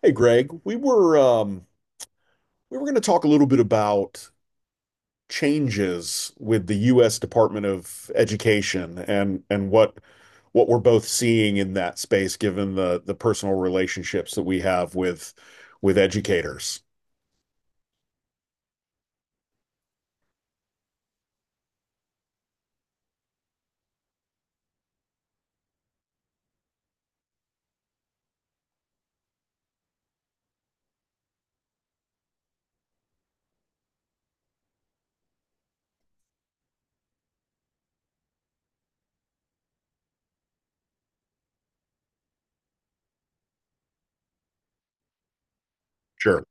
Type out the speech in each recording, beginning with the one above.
Hey Greg, we were we were going to talk a little bit about changes with the U.S. Department of Education and what we're both seeing in that space, given the personal relationships that we have with educators. Sure,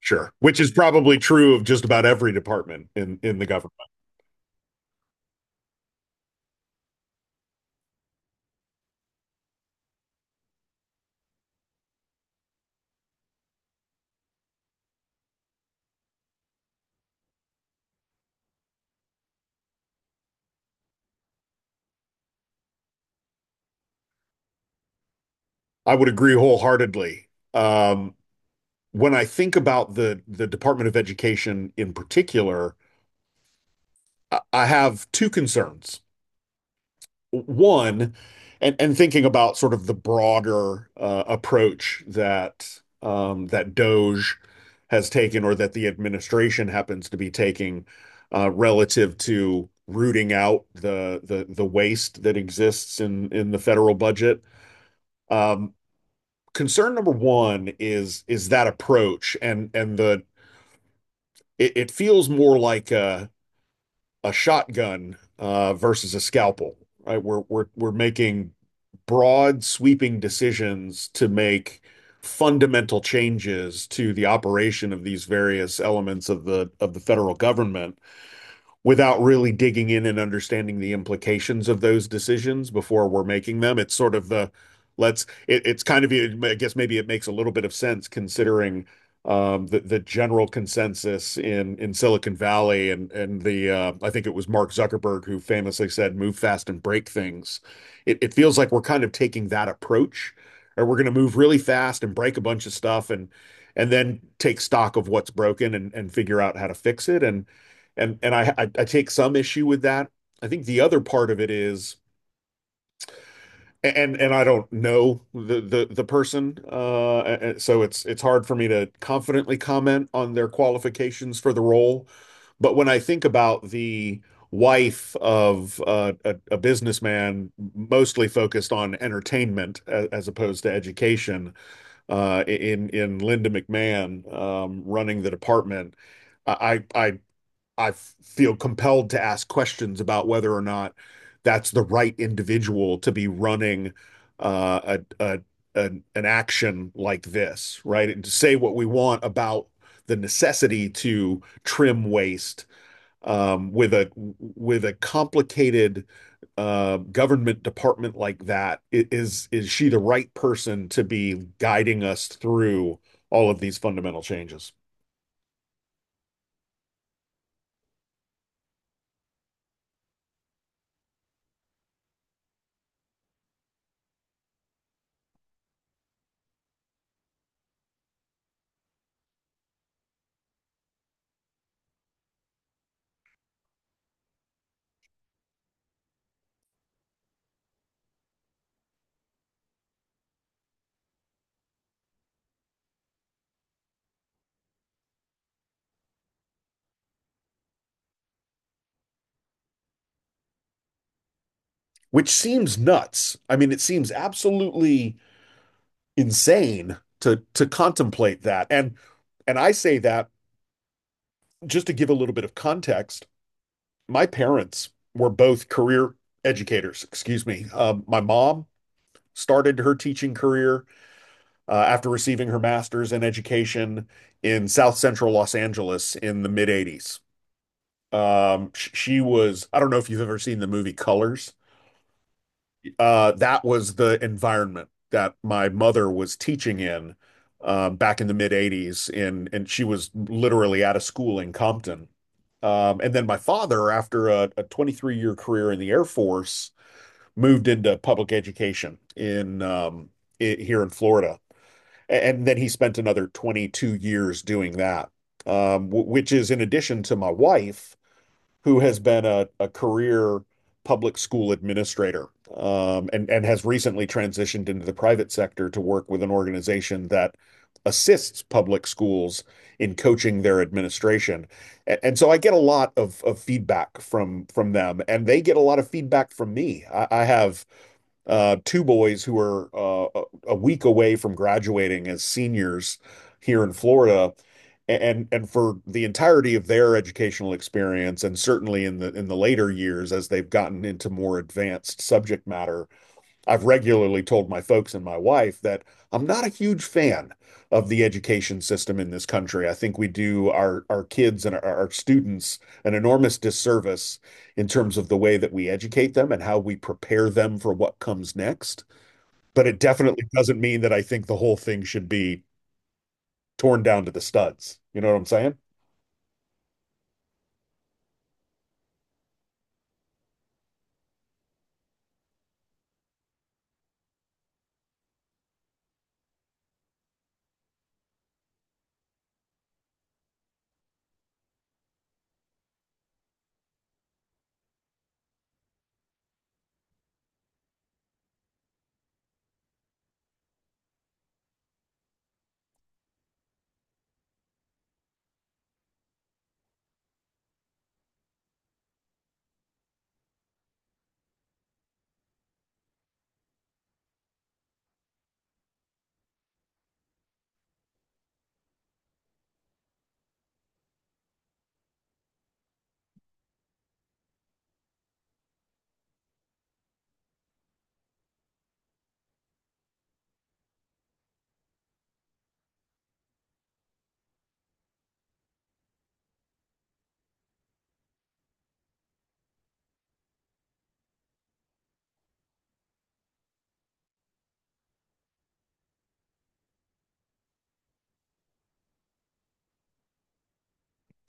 sure. Which is probably true of just about every department in the government. I would agree wholeheartedly. Um, when I think about the Department of Education in particular, I have two concerns. One, and thinking about sort of the broader approach that that DOGE has taken or that the administration happens to be taking relative to rooting out the the waste that exists in the federal budget. Um, Concern number one is that approach, and the it feels more like a shotgun versus a scalpel, right? We're making broad, sweeping decisions to make fundamental changes to the operation of these various elements of the federal government without really digging in and understanding the implications of those decisions before we're making them. It's sort of the, let's. It, it's kind of, I guess maybe it makes a little bit of sense considering the general consensus in Silicon Valley and and I think it was Mark Zuckerberg who famously said, "Move fast and break things." It feels like we're kind of taking that approach, or we're going to move really fast and break a bunch of stuff and then take stock of what's broken and figure out how to fix it. And I take some issue with that. I think the other part of it is, and I don't know the the person, so it's hard for me to confidently comment on their qualifications for the role. But when I think about the wife of a businessman, mostly focused on entertainment as opposed to education, in Linda McMahon running the department. I I I feel compelled to ask questions about whether or not that's the right individual to be running uh, a, a, a, an action like this, right? And to say what we want about the necessity to trim waste with a complicated government department like that, is is—is she the right person to be guiding us through all of these fundamental changes? Which seems nuts. I mean, it seems absolutely insane to contemplate that. And I say that just to give a little bit of context. My parents were both career educators, excuse me. My mom started her teaching career after receiving her master's in education in South Central Los Angeles in the mid 80s. She was, I don't know if you've ever seen the movie Colors. That was the environment that my mother was teaching in back in the mid 80s in and she was literally at a school in Compton. And then my father, after a 23-year year career in the Air Force, moved into public education in I here in Florida. And then he spent another 22 years doing that, which is in addition to my wife who has been a career public school administrator and has recently transitioned into the private sector to work with an organization that assists public schools in coaching their administration. And so I get a lot of feedback from them, and they get a lot of feedback from me. I have two boys who are a week away from graduating as seniors here in Florida. And for the entirety of their educational experience, and certainly in the later years as they've gotten into more advanced subject matter, I've regularly told my folks and my wife that I'm not a huge fan of the education system in this country. I think we do our kids and our students an enormous disservice in terms of the way that we educate them and how we prepare them for what comes next. But it definitely doesn't mean that I think the whole thing should be torn down to the studs. You know what I'm saying?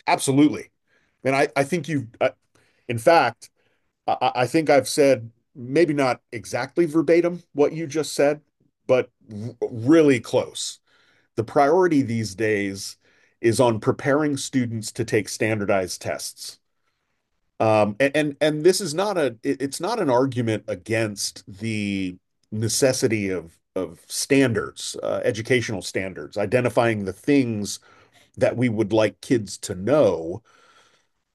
Absolutely. And I think you, I, in fact, I think I've said maybe not exactly verbatim what you just said, but really close. The priority these days is on preparing students to take standardized tests. And this is not a it's not an argument against the necessity of standards, educational standards, identifying the things that we would like kids to know,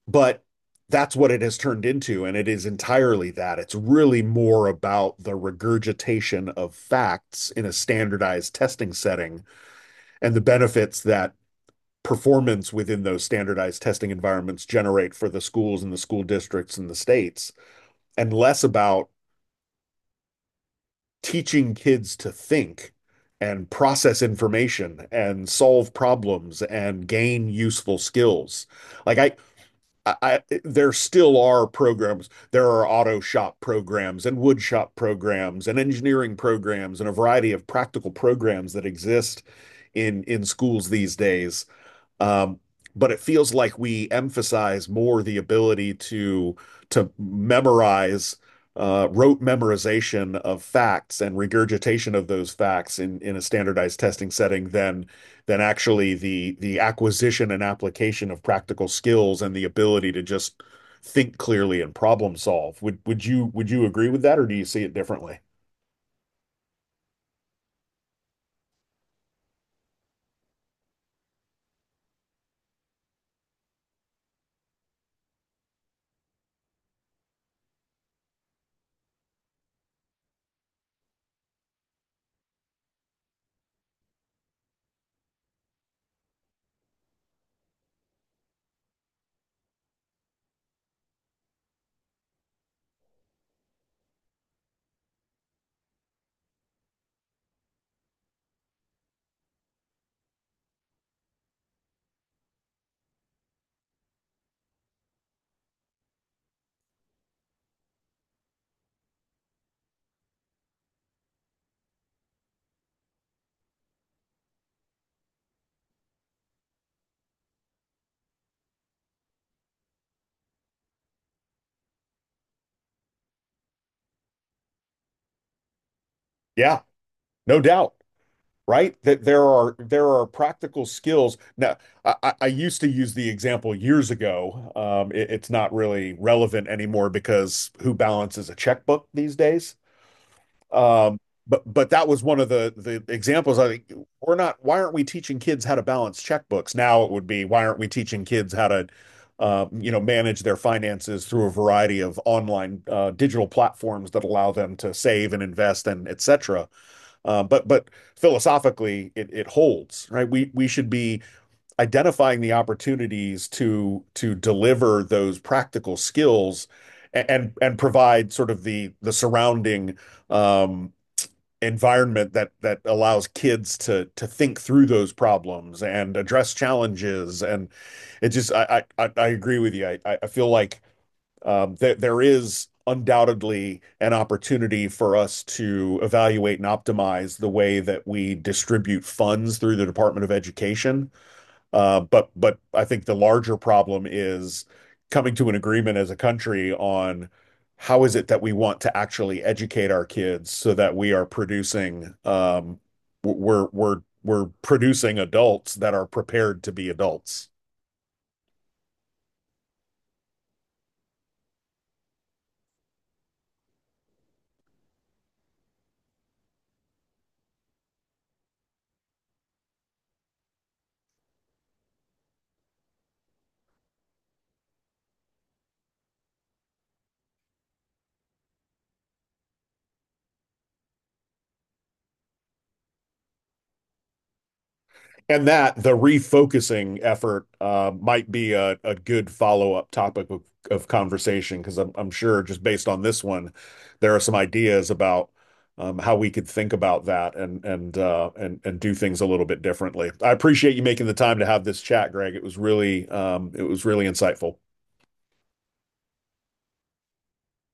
but that's what it has turned into, and it is entirely that. It's really more about the regurgitation of facts in a standardized testing setting and the benefits that performance within those standardized testing environments generate for the schools and the school districts and the states, and less about teaching kids to think and process information and solve problems and gain useful skills. Like I there still are programs. There are auto shop programs and wood shop programs and engineering programs and a variety of practical programs that exist in schools these days. Um, But it feels like we emphasize more the ability to memorize, rote memorization of facts and regurgitation of those facts in a standardized testing setting than actually the acquisition and application of practical skills and the ability to just think clearly and problem solve. Would you agree with that, or do you see it differently? Yeah, no doubt. Right? That there are practical skills. Now, I used to use the example years ago. It's not really relevant anymore because who balances a checkbook these days? Um, but that was one of the examples. I think we're not. Why aren't we teaching kids how to balance checkbooks? Now it would be, why aren't we teaching kids how to you know, manage their finances through a variety of online digital platforms that allow them to save and invest and et cetera. But philosophically, it holds, right? We should be identifying the opportunities to deliver those practical skills and and provide sort of the surrounding um, environment that that allows kids to think through those problems and address challenges. And it just, I agree with you. I feel like th there is undoubtedly an opportunity for us to evaluate and optimize the way that we distribute funds through the Department of Education. But I think the larger problem is coming to an agreement as a country on how is it that we want to actually educate our kids so that we we are producing adults that are prepared to be adults. And that the refocusing effort might be a good follow-up topic of conversation because I'm sure just based on this one, there are some ideas about how we could think about that and and do things a little bit differently. I appreciate you making the time to have this chat, Greg. It was really insightful.